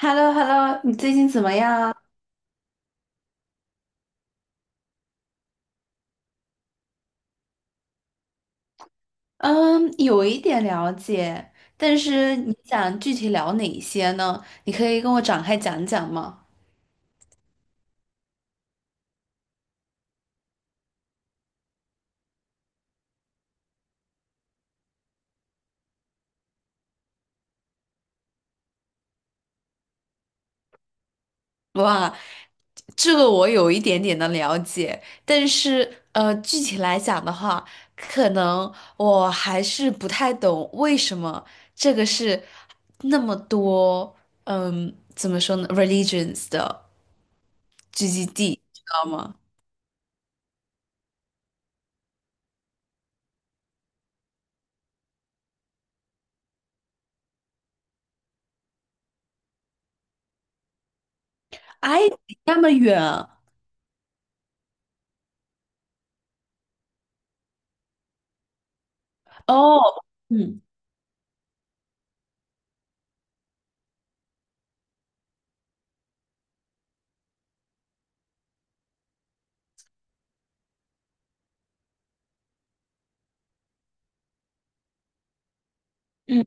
h e l l o h e l l o 你最近怎么样啊？嗯，有一点了解，但是你想具体聊哪些呢？你可以跟我展开讲讲吗？哇，这个我有一点点的了解，但是具体来讲的话，可能我还是不太懂为什么这个是那么多，嗯，怎么说呢，religions 的聚集地，知道吗？哎，那么远哦，嗯嗯。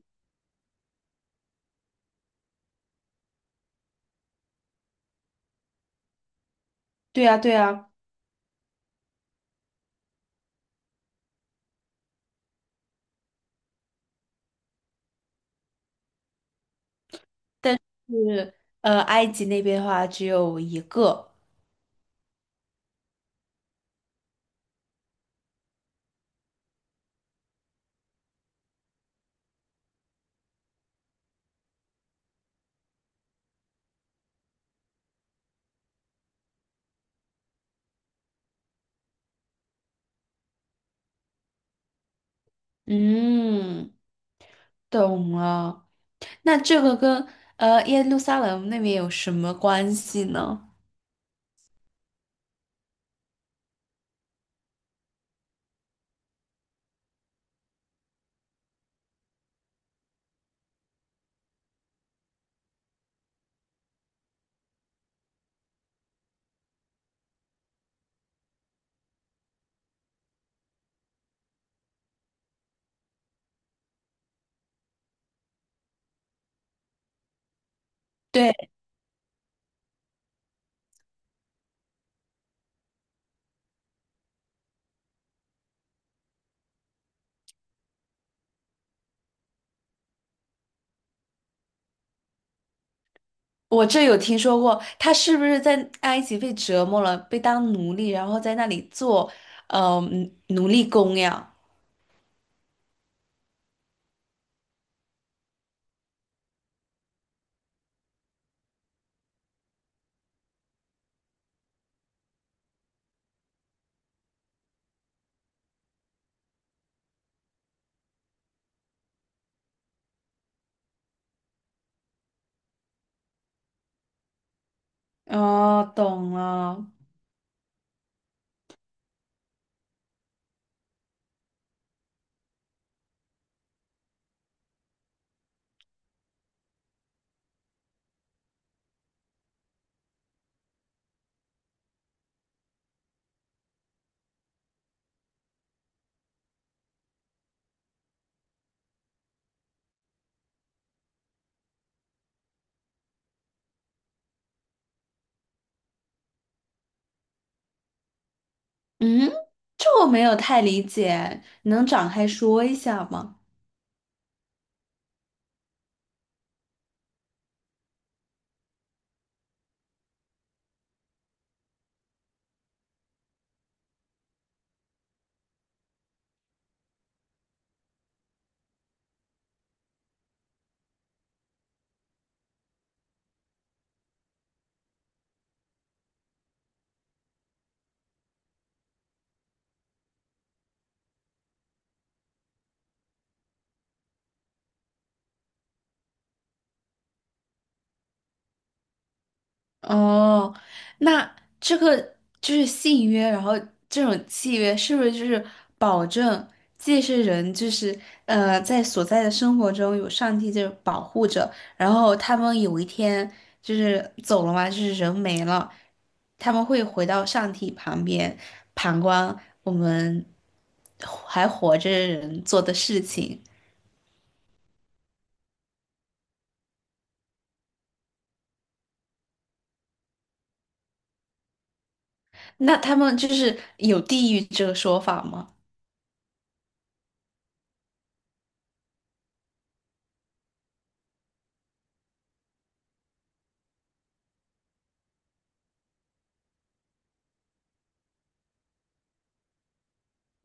对呀，对呀，但是埃及那边的话只有一个。嗯，懂了。那这个跟耶路撒冷那边有什么关系呢？对，我这有听说过，他是不是在埃及被折磨了，被当奴隶，然后在那里做呃奴奴隶工呀？哦，懂了。嗯，这我没有太理解，能展开说一下吗？哦，那这个就是信约，然后这种契约是不是就是保证既是人，就是在所在的生活中有上帝这保护着，然后他们有一天就是走了嘛，就是人没了，他们会回到上帝旁边旁观我们还活着的人做的事情。那他们就是有地狱这个说法吗？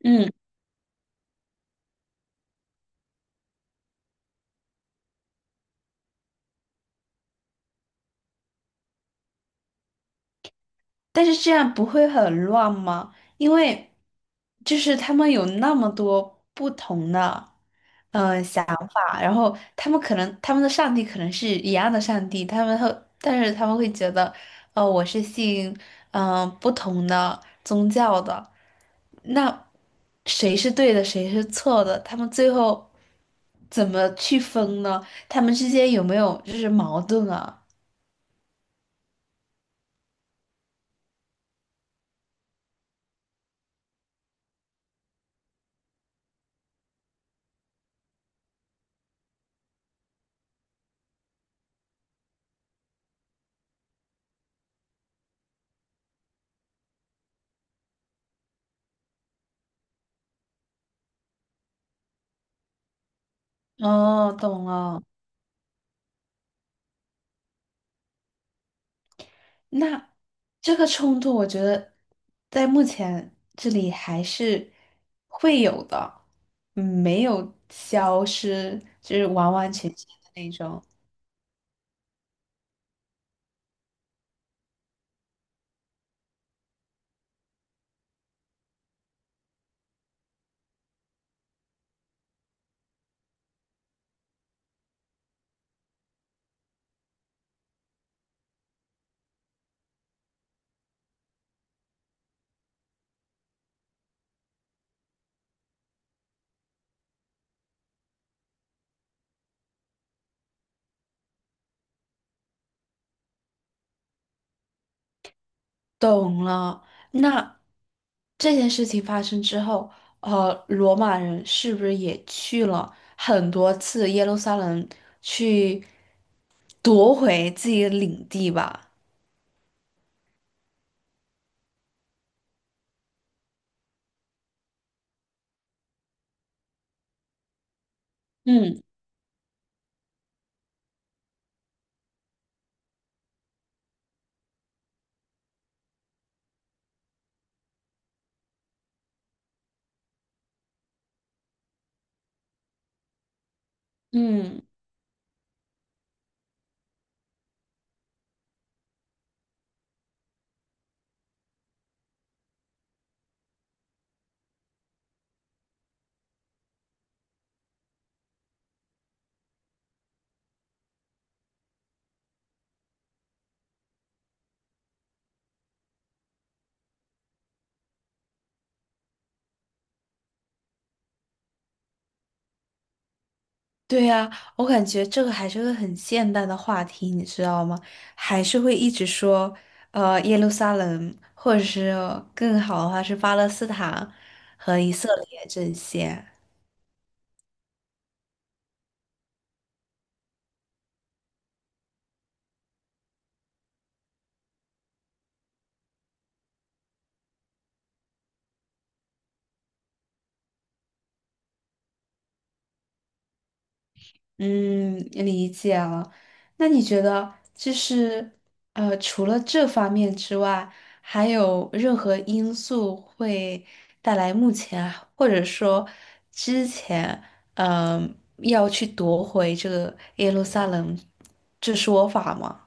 嗯。但是这样不会很乱吗？因为就是他们有那么多不同的啊，然后他们可能他们的上帝可能是一样的上帝，他们会，但是他们会觉得，呃，我是信不同的宗教的，那谁是对的，谁是错的？他们最后怎么去分呢？他们之间有没有就是矛盾啊？哦，懂了。那这个冲突，我觉得在目前这里还是会有的，嗯没有消失，就是完完全全的那种。懂了。那这件事情发生之后，呃，罗马人是不是也去了很多次耶路撒冷去夺回自己的领地吧？嗯嗯。对呀，我感觉这个还是个很现代的话题，你知道吗？还是会一直说，呃，耶路撒冷，或者是更好的话是巴勒斯坦和以色列这些。嗯，理解了。那你觉得就是除了这方面之外，还有任何因素会带来目前或者说之前，嗯、要去夺回这个耶路撒冷这说法吗？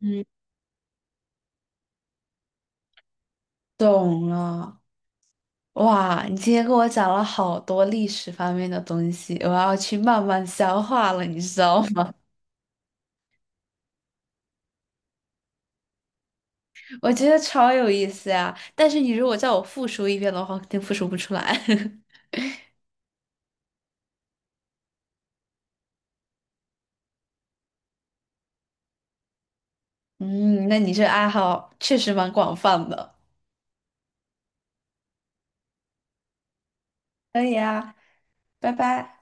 嗯，懂了。哇，你今天跟我讲了好多历史方面的东西，我要去慢慢消化了，你知道吗？我觉得超有意思呀、但是你如果叫我复述一遍的话，肯定复述不出来。嗯，那你这爱好确实蛮广泛的。可以啊，拜拜。